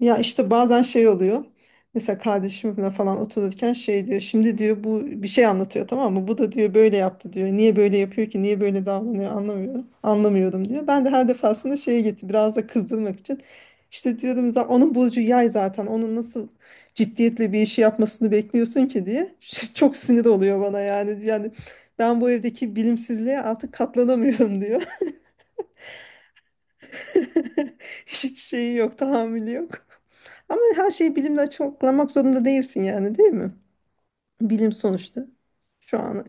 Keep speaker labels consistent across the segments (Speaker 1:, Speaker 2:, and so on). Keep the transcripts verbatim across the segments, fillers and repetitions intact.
Speaker 1: Ya işte bazen şey oluyor. Mesela kardeşimle falan otururken şey diyor. Şimdi diyor bu bir şey anlatıyor, tamam mı? Bu da diyor böyle yaptı diyor. Niye böyle yapıyor ki? Niye böyle davranıyor? Anlamıyorum. Anlamıyorum diyor. Ben de her defasında şeye gitti. Biraz da kızdırmak için. İşte diyorum, "Za- onun burcu yay zaten. Onun nasıl ciddiyetle bir işi yapmasını bekliyorsun ki diye." Çok sinir oluyor bana yani. Yani ben bu evdeki bilimsizliğe artık katlanamıyorum, diyor. Hiç şeyi yok, tahammülü yok. Ama her şeyi bilimle açıklamak zorunda değilsin yani, değil mi? Bilim sonuçta. Şu an.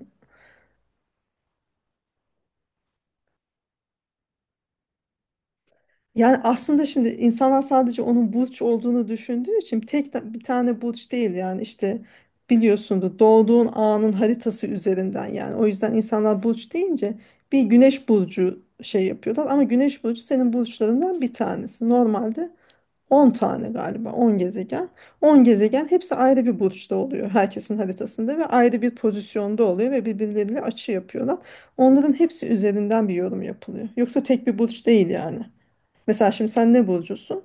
Speaker 1: Yani aslında şimdi insanlar sadece onun burç olduğunu düşündüğü için tek ta- bir tane burç değil yani, işte biliyorsunuz, doğduğun anın haritası üzerinden, yani o yüzden insanlar burç deyince bir güneş burcu şey yapıyorlar, ama güneş burcu senin burçlarından bir tanesi. Normalde on tane galiba, on gezegen. on gezegen, hepsi ayrı bir burçta oluyor herkesin haritasında ve ayrı bir pozisyonda oluyor ve birbirleriyle açı yapıyorlar. Onların hepsi üzerinden bir yorum yapılıyor. Yoksa tek bir burç değil yani. Mesela şimdi sen ne burcusun?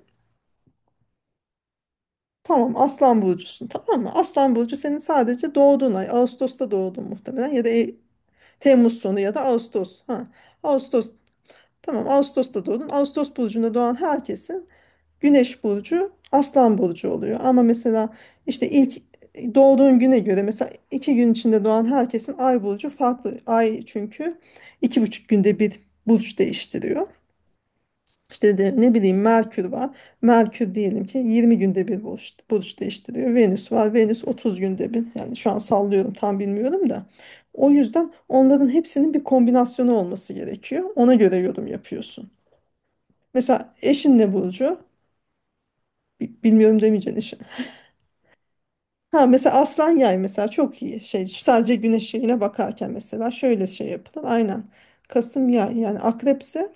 Speaker 1: Tamam, Aslan burcusun, tamam mı? Aslan burcu senin sadece doğduğun ay. Ağustos'ta doğdun muhtemelen, ya da e- Temmuz sonu ya da Ağustos. Ha. Ağustos, tamam, Ağustos'ta doğdun. Ağustos burcunda doğan herkesi Güneş burcu Aslan burcu oluyor. Ama mesela işte ilk doğduğun güne göre, mesela iki gün içinde doğan herkesin ay burcu farklı. Ay çünkü iki buçuk günde bir burç değiştiriyor. İşte de, ne bileyim, Merkür var. Merkür diyelim ki yirmi günde bir burç, burç değiştiriyor. Venüs var. Venüs otuz günde bir. Yani şu an sallıyorum, tam bilmiyorum da. O yüzden onların hepsinin bir kombinasyonu olması gerekiyor. Ona göre yorum yapıyorsun. Mesela eşin ne burcu? Bi- Bilmiyorum demeyeceksin. Ha, mesela aslan yay, mesela çok iyi şey, sadece güneş yayına bakarken mesela şöyle şey yapılır. Aynen, Kasım yay, yani akrepse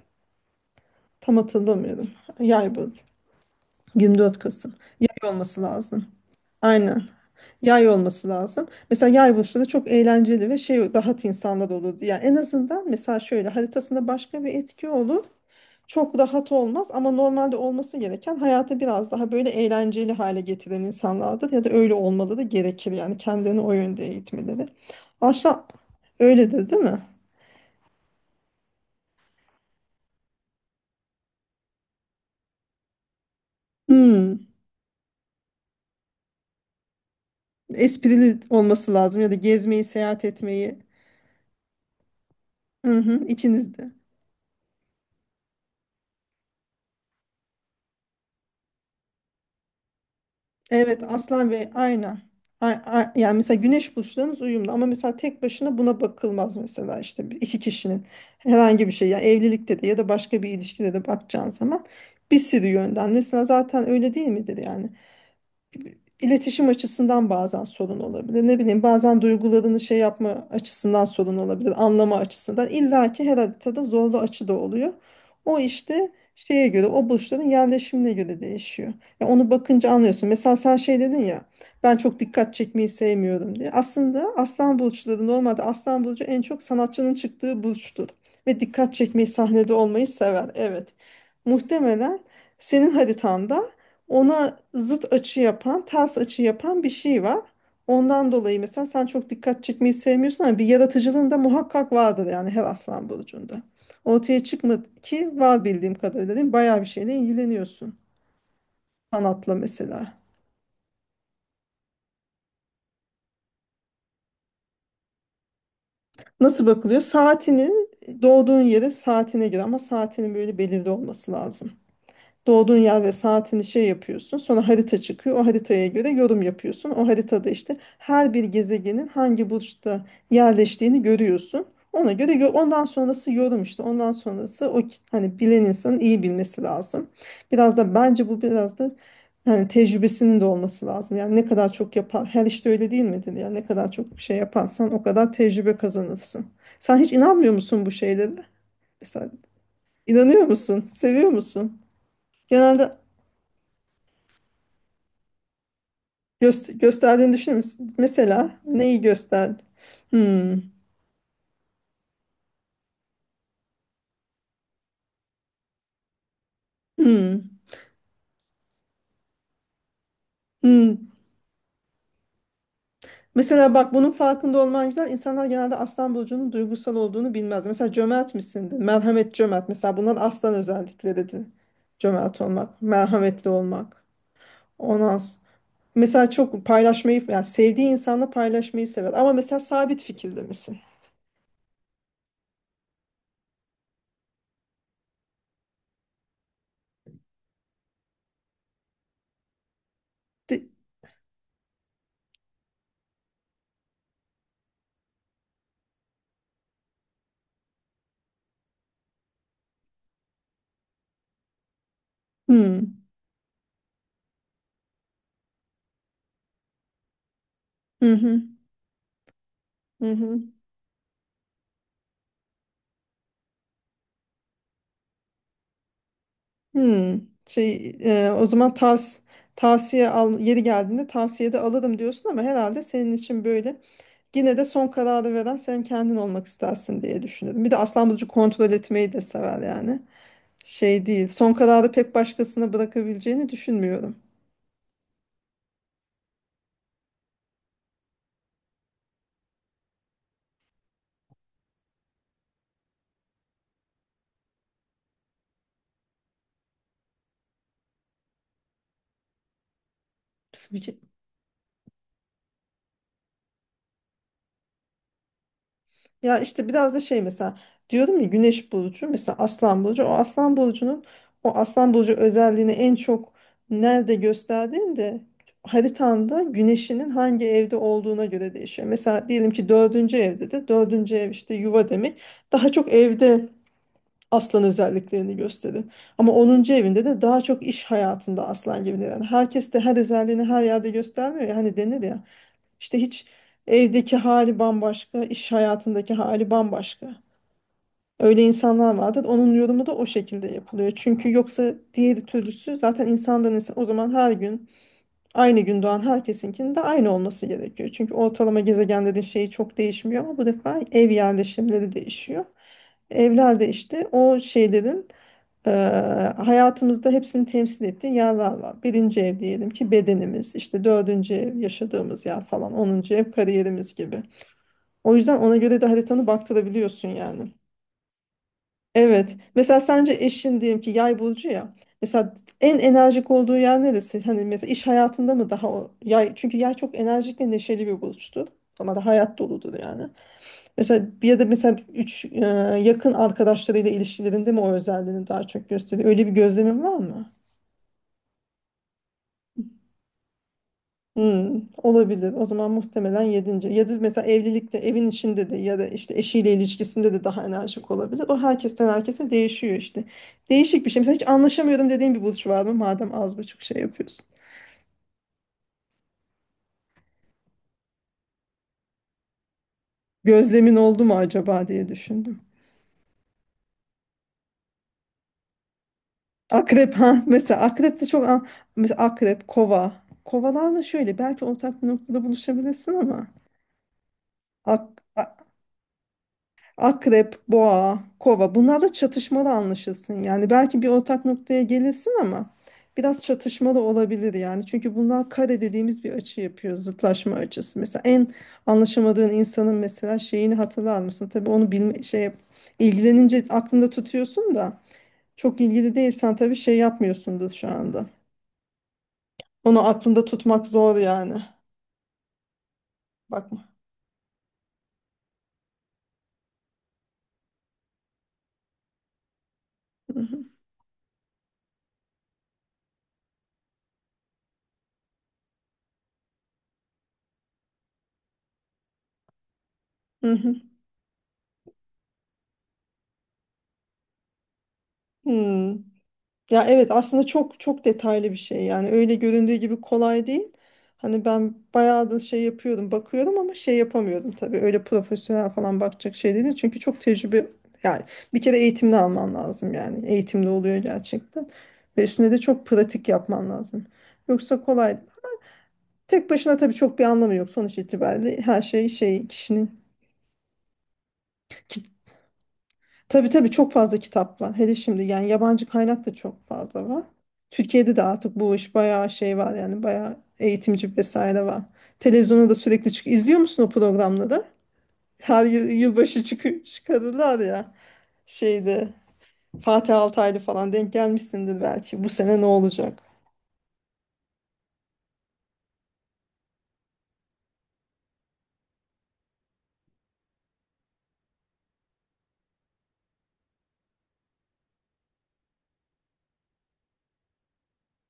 Speaker 1: tam hatırlamıyorum, yay bu, yirmi dört Kasım, yay olması lazım. Aynen, yay olması lazım. Mesela yay burçları çok eğlenceli ve şey, rahat insanlar olur yani. En azından, mesela şöyle, haritasında başka bir etki olur, çok rahat olmaz, ama normalde olması gereken, hayatı biraz daha böyle eğlenceli hale getiren insanlardır, ya da öyle olmaları gerekir yani, kendini o yönde eğitmeleri. Aşağı öyledir değil mi? Hmm. Esprili olması lazım, ya da gezmeyi, seyahat etmeyi. Hı hı, ikiniz de. Evet, Aslan ve aynen. A- a- Yani mesela güneş burçlarınız uyumlu, ama mesela tek başına buna bakılmaz. Mesela işte bir- iki kişinin herhangi bir şey, yani evlilikte de ya da başka bir ilişkide de bakacağın zaman bir sürü yönden, mesela zaten öyle değil midir yani. İletişim açısından bazen sorun olabilir. Ne bileyim, bazen duygularını şey yapma açısından sorun olabilir. Anlama açısından. İlla ki her haritada zorlu açı da oluyor. O işte şeye göre, o burçların yerleşimine göre değişiyor. Ya onu bakınca anlıyorsun. Mesela sen şey dedin ya, ben çok dikkat çekmeyi sevmiyorum diye. Aslında aslan burçları normalde, aslan burcu en çok sanatçının çıktığı burçtur. Ve dikkat çekmeyi, sahnede olmayı sever. Evet. Muhtemelen senin haritanda ona zıt açı yapan, ters açı yapan bir şey var. Ondan dolayı mesela sen çok dikkat çekmeyi sevmiyorsun, ama bir yaratıcılığın da muhakkak vardır yani, her aslan burcunda. Ortaya çıkmadı ki var bildiğim kadarıyla, değil mi? Bayağı bir şeyle ilgileniyorsun. Sanatla mesela. Nasıl bakılıyor? Saatinin, doğduğun yere, saatine göre, ama saatinin böyle belirli olması lazım. Doğduğun yer ve saatini şey yapıyorsun. Sonra harita çıkıyor. O haritaya göre yorum yapıyorsun. O haritada işte her bir gezegenin hangi burçta yerleştiğini görüyorsun. Ona göre yo- ondan sonrası yorum işte. Ondan sonrası o ki- hani bilen insanın iyi bilmesi lazım. Biraz da bence bu biraz da hani, tecrübesinin de olması lazım. Yani ne kadar çok yapar, her işte öyle değil midir? Yani ne kadar çok şey yaparsan, o kadar tecrübe kazanırsın. Sen hiç inanmıyor musun bu şeylere? Mesela inanıyor musun? Seviyor musun? Genelde. Göster, gösterdiğini düşünür müsün? Mesela neyi göster? Hmm, hmm, hmm. Mesela bak, bunun farkında olman güzel. İnsanlar genelde aslan burcunun duygusal olduğunu bilmez. Mesela cömert misindir? Merhamet, cömert. Mesela bundan, aslan özellikleridir. Cömert olmak, merhametli olmak. Ondan s- mesela çok paylaşmayı, yani sevdiği insanla paylaşmayı sever. Ama mesela sabit fikirde misin? Di-. Hmm, hı hı, hı hı. Hmm, şey, e, o zaman tavs tavsiye al, yeri geldiğinde tavsiye de alırım diyorsun, ama herhalde senin için böyle, yine de son kararı veren sen kendin olmak istersin diye düşünüyorum. Bir de Aslan Burcu kontrol etmeyi de sever yani. Şey değil. Son kararı pek başkasına bırakabileceğini düşünmüyorum. Ya işte biraz da şey, mesela diyorum ya, güneş burcu, mesela aslan burcu, o aslan burcunun, o aslan burcu özelliğini en çok nerede gösterdiğinde, haritanda güneşinin hangi evde olduğuna göre değişiyor. Mesela diyelim ki dördüncü evde de, dördüncü ev işte yuva demek, daha çok evde aslan özelliklerini gösterir. Ama onuncu evinde de daha çok iş hayatında aslan gibi. Yani herkes de her özelliğini her yerde göstermiyor. Ya, hani denir ya işte, hiç evdeki hali bambaşka, iş hayatındaki hali bambaşka. Öyle insanlar vardır. Onun yorumu da o şekilde yapılıyor. Çünkü yoksa diğer türlüsü zaten insandan insan, o zaman her gün, aynı gün doğan herkesinkinin de aynı olması gerekiyor. Çünkü ortalama gezegenlerin şeyi çok değişmiyor, ama bu defa ev yerleşimleri değişiyor. Evlerde işte o şeylerin, ee, hayatımızda hepsini temsil ettiği yerler var. Birinci ev diyelim ki bedenimiz, işte dördüncü ev yaşadığımız yer falan, onuncu ev kariyerimiz gibi. O yüzden ona göre de haritanı baktırabiliyorsun yani. Evet. Mesela sence eşin diyelim ki yay burcu ya. Mesela en enerjik olduğu yer neresi? Hani mesela iş hayatında mı daha o yay? Çünkü yay çok enerjik ve neşeli bir burçtur. Ama da hayat doludur yani. Mesela bir de mesela üç e, yakın arkadaşlarıyla ilişkilerinde mi o özelliğini daha çok gösteriyor? Öyle bir gözlemin var mı? Hmm, olabilir. O zaman muhtemelen yedinci. Ya da mesela evlilikte, evin içinde de, ya da işte eşiyle ilişkisinde de daha enerjik olabilir. O herkesten herkese değişiyor işte. Değişik bir şey. Mesela hiç anlaşamıyorum dediğin bir burç var mı? Madem az buçuk şey yapıyorsun. Gözlemin oldu mu acaba diye düşündüm. Akrep, ha mesela akrep de çok an- mesela akrep, kova. Kovalarla şöyle belki ortak bir noktada buluşabilirsin, ama ak- Akrep, boğa, kova, bunlarla çatışmalı anlaşılsın. Yani belki bir ortak noktaya gelirsin, ama biraz çatışmalı olabilir yani. Çünkü bunlar kare dediğimiz bir açı yapıyor. Zıtlaşma açısı. Mesela en anlaşamadığın insanın mesela şeyini hatırlar mısın? Tabii onu bilme, şey, ilgilenince aklında tutuyorsun da, çok ilgili değilsen tabii şey yapmıyorsundur şu anda. Onu aklında tutmak zor yani. Bakma. Hı hı. Hı hı. Hmm. Ya evet, aslında çok çok detaylı bir şey yani, öyle göründüğü gibi kolay değil. Hani ben bayağı da şey yapıyordum, bakıyorum, ama şey yapamıyordum tabii, öyle profesyonel falan bakacak şey değil çünkü çok tecrübe, yani bir kere eğitimli alman lazım, yani eğitimli oluyor gerçekten, ve üstüne de çok pratik yapman lazım. Yoksa kolay, tek başına tabii çok bir anlamı yok, sonuç itibariyle her şey şey, kişinin. Tabii tabii, çok fazla kitap var. Hele şimdi, yani yabancı kaynak da çok fazla var. Türkiye'de de artık bu iş bayağı şey var yani, bayağı eğitimci vesaire var. Televizyonda da sürekli çık. İzliyor musun o programları? Her yıl yılbaşı çık, çıkarırlar ya. Şeyde, Fatih Altaylı falan denk gelmişsindir belki. Bu sene ne olacak?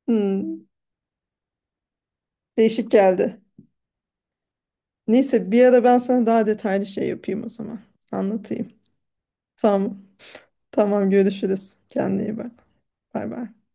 Speaker 1: Hmm, değişik geldi. Neyse, bir ara ben sana daha detaylı şey yapayım o zaman. Anlatayım. Tamam. Tamam, görüşürüz. Kendine iyi bak. Bay bay.